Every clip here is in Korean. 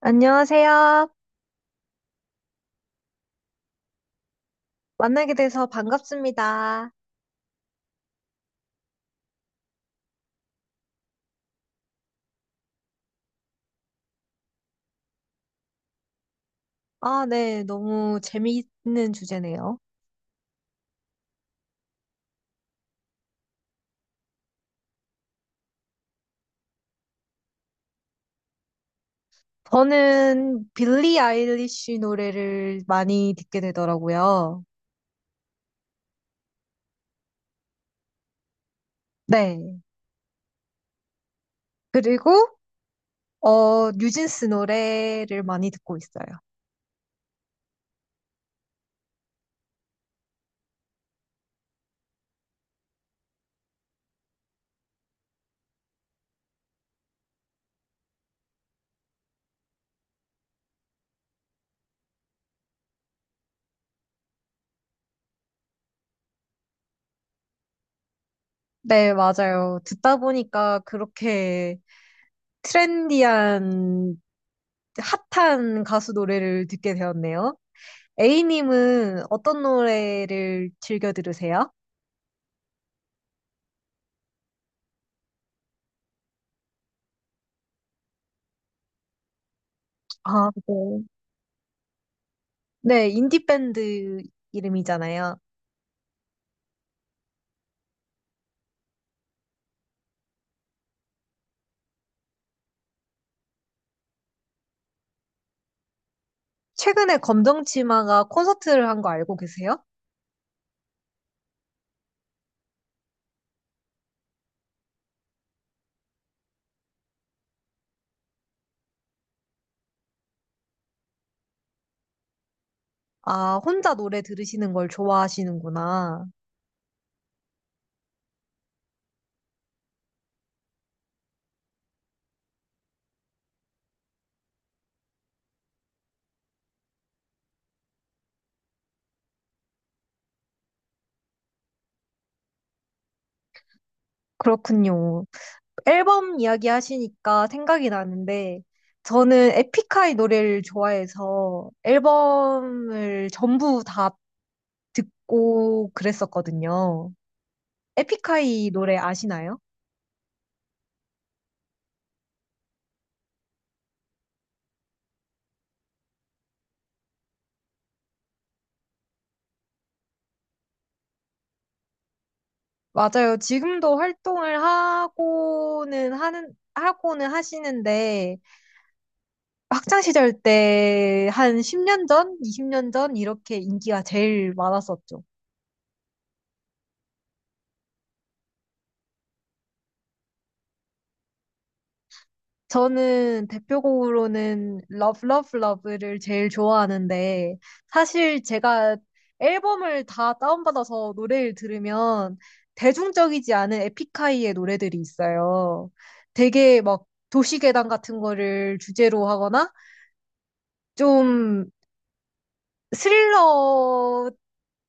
안녕하세요. 만나게 돼서 반갑습니다. 아, 네. 너무 재미있는 주제네요. 저는 빌리 아일리시 노래를 많이 듣게 되더라고요. 네. 그리고, 뉴진스 노래를 많이 듣고 있어요. 네, 맞아요. 듣다 보니까 그렇게 트렌디한, 핫한 가수 노래를 듣게 되었네요. A님은 어떤 노래를 즐겨 들으세요? 아, 네. 네, 인디밴드 이름이잖아요. 최근에 검정치마가 콘서트를 한 거 알고 계세요? 아, 혼자 노래 들으시는 걸 좋아하시는구나. 그렇군요. 앨범 이야기 하시니까 생각이 나는데, 저는 에픽하이 노래를 좋아해서 앨범을 전부 다 듣고 그랬었거든요. 에픽하이 노래 아시나요? 맞아요. 지금도 활동을 하고는 하시는데, 학창 시절 때 한 10년 전, 20년 전 이렇게 인기가 제일 많았었죠. 저는 대표곡으로는 Love Love Love를 제일 좋아하는데 사실 제가 앨범을 다 다운받아서 노래를 들으면 대중적이지 않은 에픽하이의 노래들이 있어요. 되게 막 도시괴담 같은 거를 주제로 하거나 좀 스릴러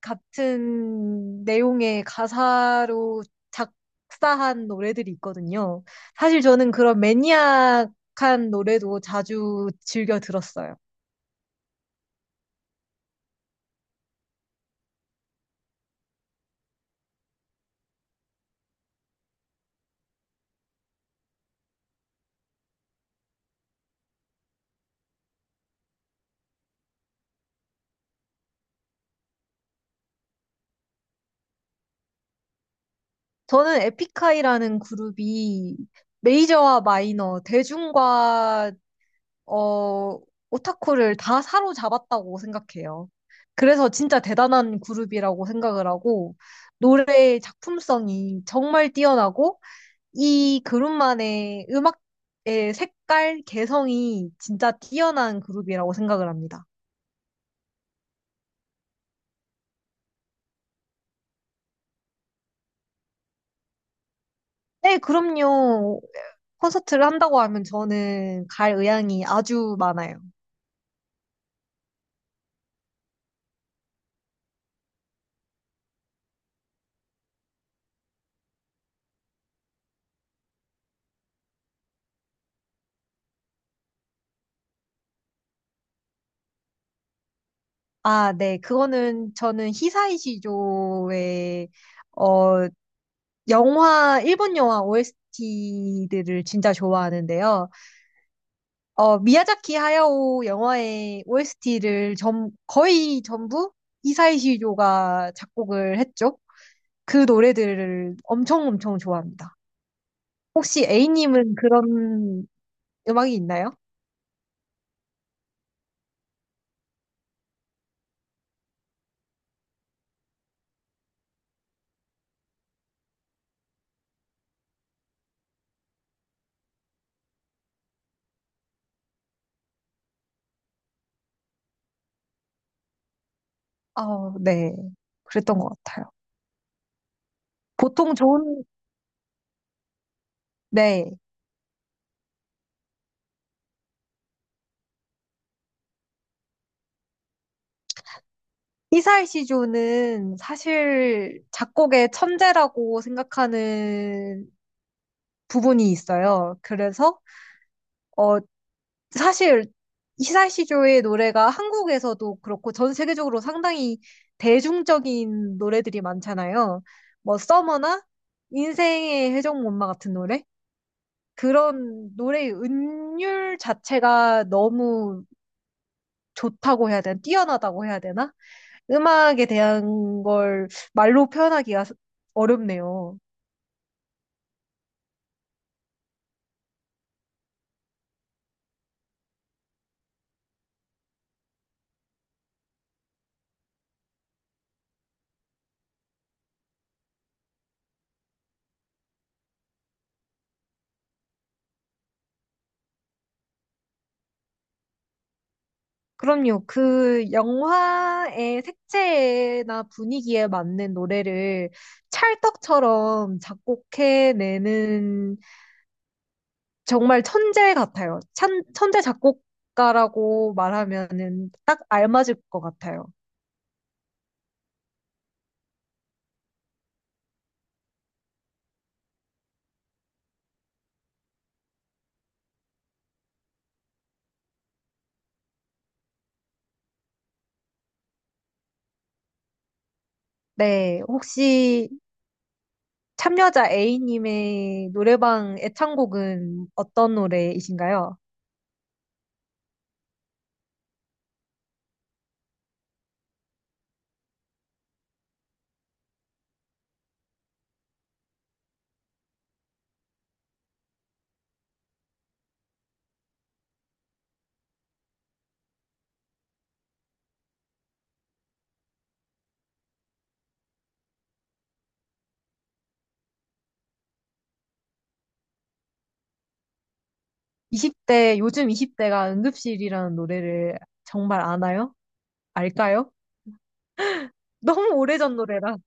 같은 내용의 가사로 작사한 노래들이 있거든요. 사실 저는 그런 매니악한 노래도 자주 즐겨 들었어요. 저는 에픽하이라는 그룹이 메이저와 마이너, 대중과 어, 오타쿠를 다 사로잡았다고 생각해요. 그래서 진짜 대단한 그룹이라고 생각을 하고 노래의 작품성이 정말 뛰어나고 이 그룹만의 음악의 색깔, 개성이 진짜 뛰어난 그룹이라고 생각을 합니다. 네, 그럼요. 콘서트를 한다고 하면 저는 갈 의향이 아주 많아요. 아, 네. 그거는 저는 히사이시조의 어 영화 일본 영화 OST들을 진짜 좋아하는데요. 미야자키 하야오 영화의 OST를 전 거의 전부 히사이시조가 작곡을 했죠. 그 노래들을 엄청 엄청 좋아합니다. 혹시 A님은 그런 음악이 있나요? 아, 네. 그랬던 것 같아요. 보통 좋은, 네. 이사엘 시조는 사실 작곡의 천재라고 생각하는 부분이 있어요. 어, 사실 이사엘 시조의 노래가 한국에서도 그렇고 전 세계적으로 상당히 대중적인 노래들이 많잖아요. 뭐, 서머나 인생의 회전목마 같은 노래? 그런 노래의 은율 자체가 너무 좋다고 해야 되나? 뛰어나다고 해야 되나? 음악에 대한 걸 말로 표현하기가 어렵네요. 그럼요. 그 영화의 색채나 분위기에 맞는 노래를 찰떡처럼 작곡해내는 정말 천재 같아요. 천재 작곡가라고 말하면은 딱 알맞을 것 같아요. 네. 혹시 참여자 A님의 노래방 애창곡은 어떤 노래이신가요? 20대, 요즘 20대가 응급실이라는 노래를 정말 아나요? 알까요? 너무 오래전 노래라.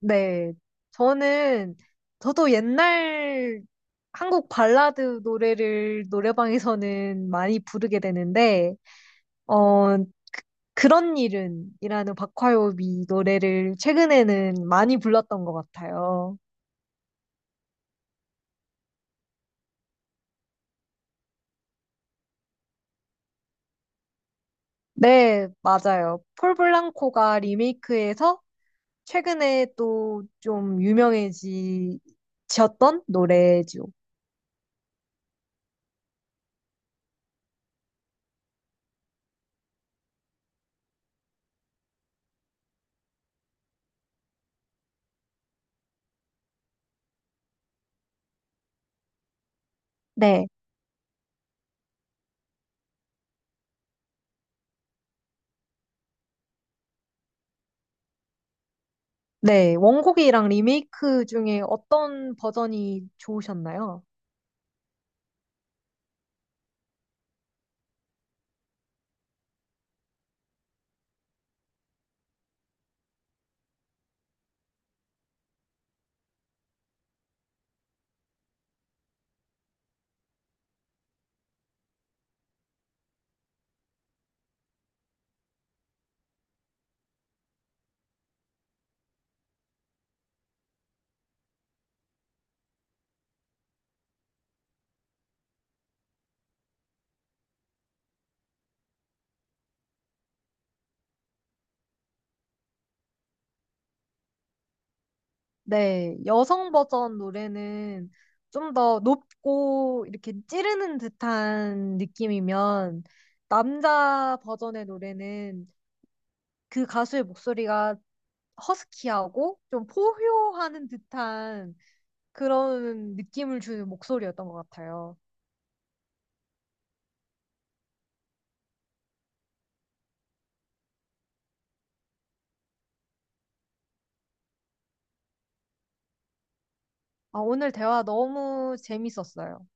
네. 저는, 저도 옛날 한국 발라드 노래를 노래방에서는 많이 부르게 되는데, 어, 그런 일은이라는 박화요비 노래를 최근에는 많이 불렀던 것 같아요. 네, 맞아요. 폴 블랑코가 리메이크해서 최근에 또 좀 유명해지셨던 노래죠. 네, 네. 원곡이랑 리메이크 중에 어떤 버전이 좋으셨나요? 네, 여성 버전 노래는 좀 더 높고 이렇게 찌르는 듯한 느낌이면 남자 버전의 노래는 그 가수의 목소리가 허스키하고 좀 포효하는 듯한 그런 느낌을 주는 목소리였던 것 같아요. 아, 오늘 대화 너무 재밌었어요.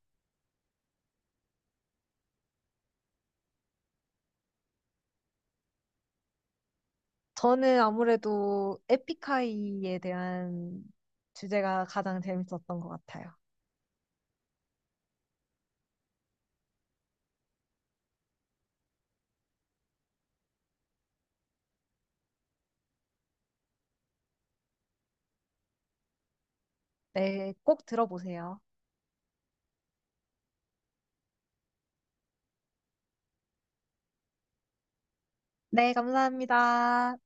저는 아무래도 에픽하이에 대한 주제가 가장 재밌었던 것 같아요. 네, 꼭 들어보세요. 네, 감사합니다.